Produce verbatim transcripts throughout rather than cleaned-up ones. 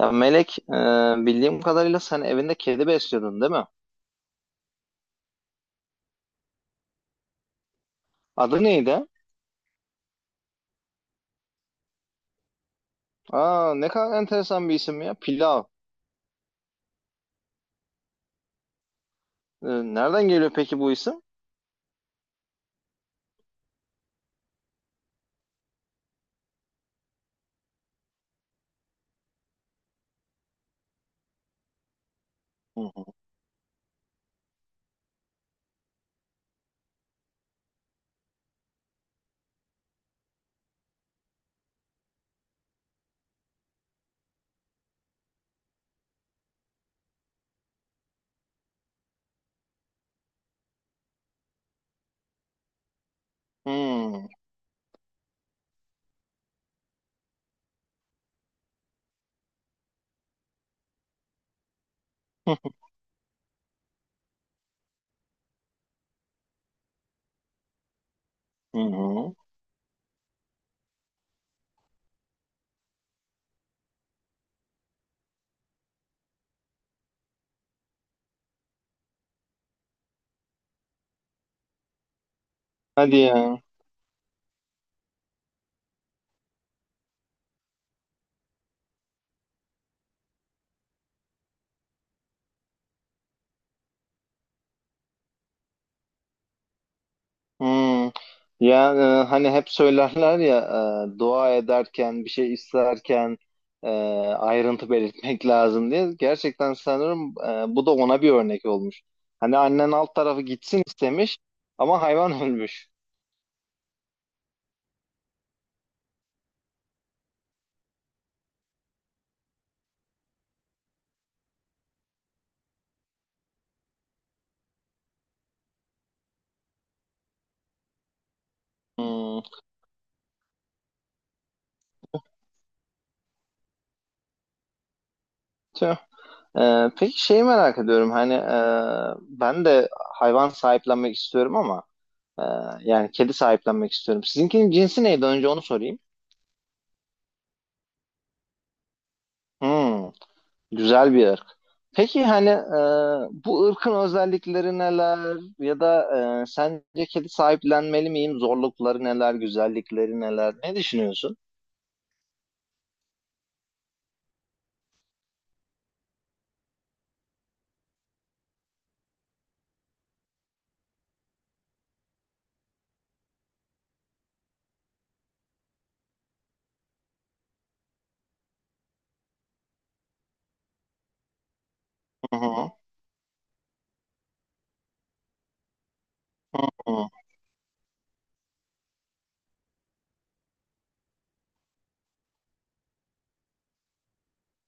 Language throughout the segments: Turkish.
Ya Melek, e, bildiğim kadarıyla sen evinde kedi besliyordun değil mi? Adı neydi? Aa, ne kadar enteresan bir isim ya. Pilav. E, nereden geliyor peki bu isim? Hı hı. Hmm. Hı hı. Hadi ya. Hmm. Ya e, hani hep söylerler ya, e, dua ederken bir şey isterken, e, ayrıntı belirtmek lazım diye. Gerçekten sanırım e, bu da ona bir örnek olmuş. Hani annen alt tarafı gitsin istemiş ama hayvan ölmüş. Hmm. Tüh. Ee, peki şeyi merak ediyorum, hani e, ben de hayvan sahiplenmek istiyorum ama e, yani kedi sahiplenmek istiyorum. Sizinkinin cinsi neydi, önce onu sorayım. Hmm, güzel bir ırk. Peki hani, e, bu ırkın özellikleri neler, ya da e, sence kedi sahiplenmeli miyim? Zorlukları neler, güzellikleri neler? Ne düşünüyorsun? Hı hı, hı hı,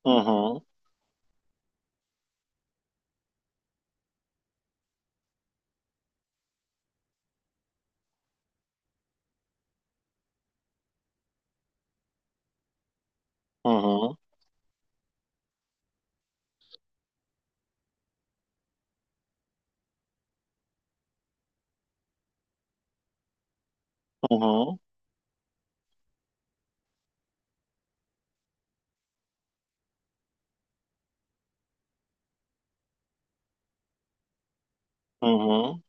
hı hı, hı hı, hı hı,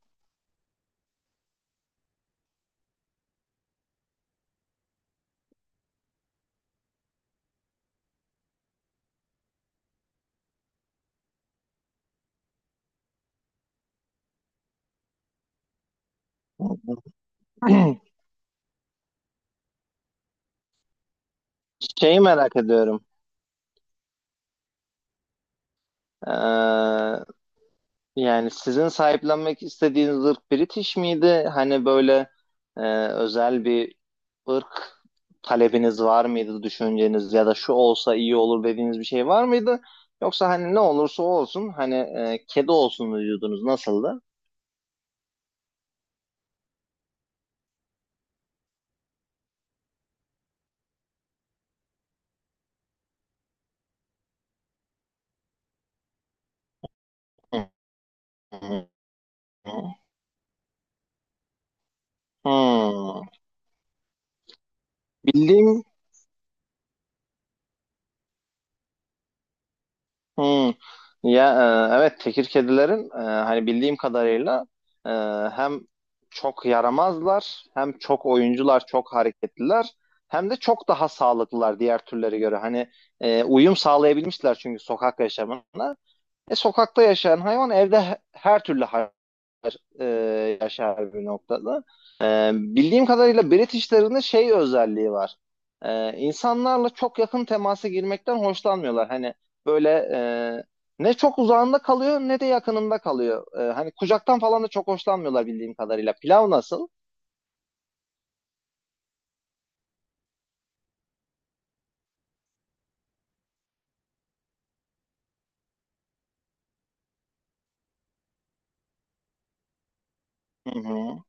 hı hı. Şeyi merak ediyorum. Ee, Yani sizin sahiplenmek istediğiniz ırk British miydi? Hani böyle e, özel bir ırk talebiniz var mıydı, düşünceniz ya da şu olsa iyi olur dediğiniz bir şey var mıydı? Yoksa hani ne olursa olsun, hani e, kedi olsun mu diyordunuz, nasıldı? Hmm. Hmm. Bildiğim. Hmm. Ya e, evet, tekir kedilerin, e, hani bildiğim kadarıyla e, hem çok yaramazlar, hem çok oyuncular, çok hareketliler, hem de çok daha sağlıklılar diğer türlere göre. Hani e, uyum sağlayabilmişler çünkü sokak yaşamına. E, sokakta yaşayan hayvan evde, her türlü hayvan e, yaşar bir noktada. E, bildiğim kadarıyla Britishler'ın şey özelliği var. E, insanlarla çok yakın temasa girmekten hoşlanmıyorlar. Hani böyle e, ne çok uzağında kalıyor ne de yakınında kalıyor. E, hani kucaktan falan da çok hoşlanmıyorlar bildiğim kadarıyla. Pilav nasıl? Hı hı.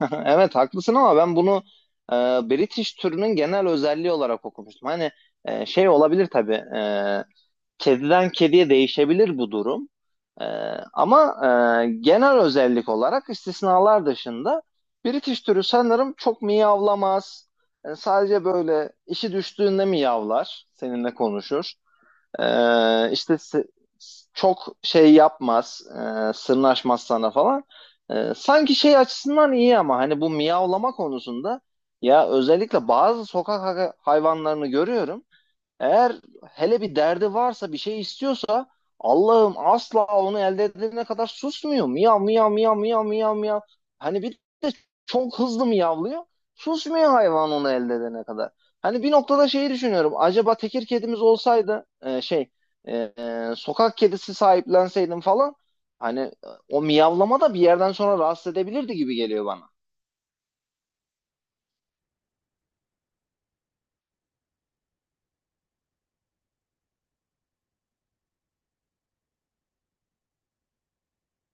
Evet haklısın, ama ben bunu e, British türünün genel özelliği olarak okumuştum. Hani e, şey olabilir tabii, e, kediden kediye değişebilir bu durum. Ee, ama e, genel özellik olarak, istisnalar dışında, British türü sanırım çok miyavlamaz. Yani sadece böyle işi düştüğünde miyavlar, seninle konuşur. Ee, işte çok şey yapmaz, e, sırnaşmaz sana falan. Ee, sanki şey açısından iyi, ama hani bu miyavlama konusunda, ya özellikle bazı sokak hayvanlarını görüyorum. Eğer hele bir derdi varsa, bir şey istiyorsa, Allah'ım, asla onu elde edene kadar susmuyor. Miyav miyav miyav miyav miyav miyav. Hani bir de çok hızlı miyavlıyor. Susmuyor hayvan onu elde edene kadar. Hani bir noktada şeyi düşünüyorum. Acaba tekir kedimiz olsaydı, e, şey, e, e, sokak kedisi sahiplenseydim falan, hani e, o miyavlama da bir yerden sonra rahatsız edebilirdi gibi geliyor bana.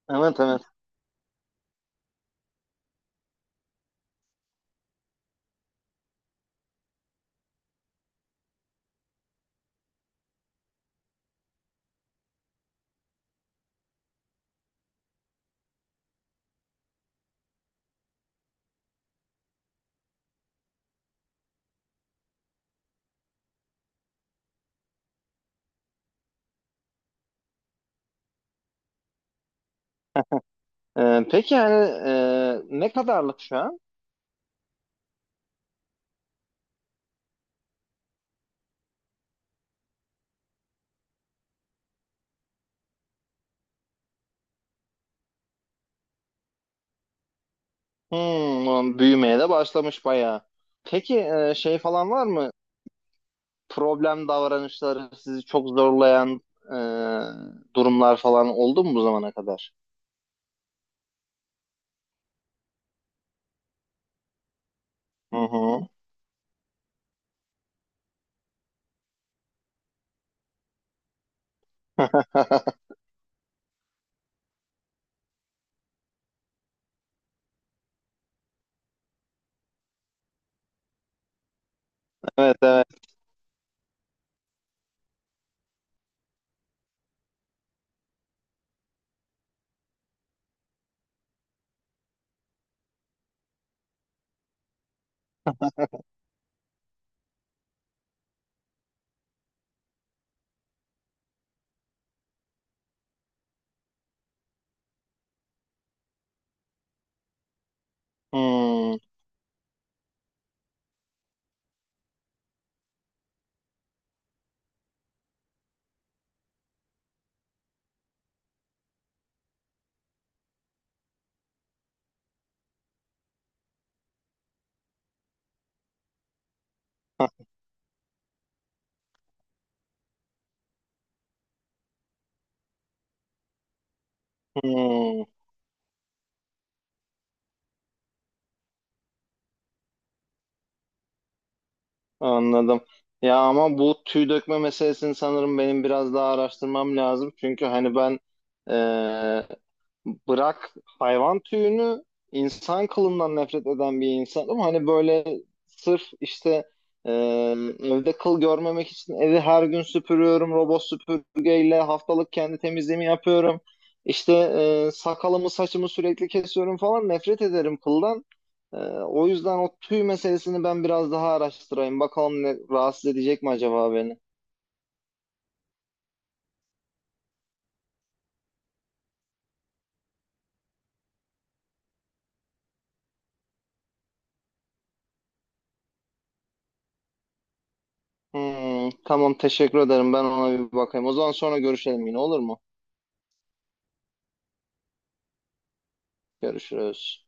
Evet, evet. E, peki yani, e, ne kadarlık şu an? Hmm, büyümeye de başlamış bayağı. Peki e, şey falan var mı? Problem davranışları, sizi çok zorlayan e, durumlar falan oldu mu bu zamana kadar? Hı hı. Evet, evet. Hmm, hmm, anladım. Ya ama bu tüy dökme meselesini sanırım benim biraz daha araştırmam lazım. Çünkü hani ben, e, bırak hayvan tüyünü, insan kılından nefret eden bir insan, ama hani böyle sırf işte e, evde kıl görmemek için evi her gün süpürüyorum, robot süpürgeyle haftalık kendi temizliğimi yapıyorum, işte e, sakalımı saçımı sürekli kesiyorum falan, nefret ederim kıldan. E, o yüzden o tüy meselesini ben biraz daha araştırayım, bakalım ne, rahatsız edecek mi acaba beni. Hmm, tamam, teşekkür ederim, ben ona bir bakayım, o zaman sonra görüşelim yine, olur mu? Görüşürüz.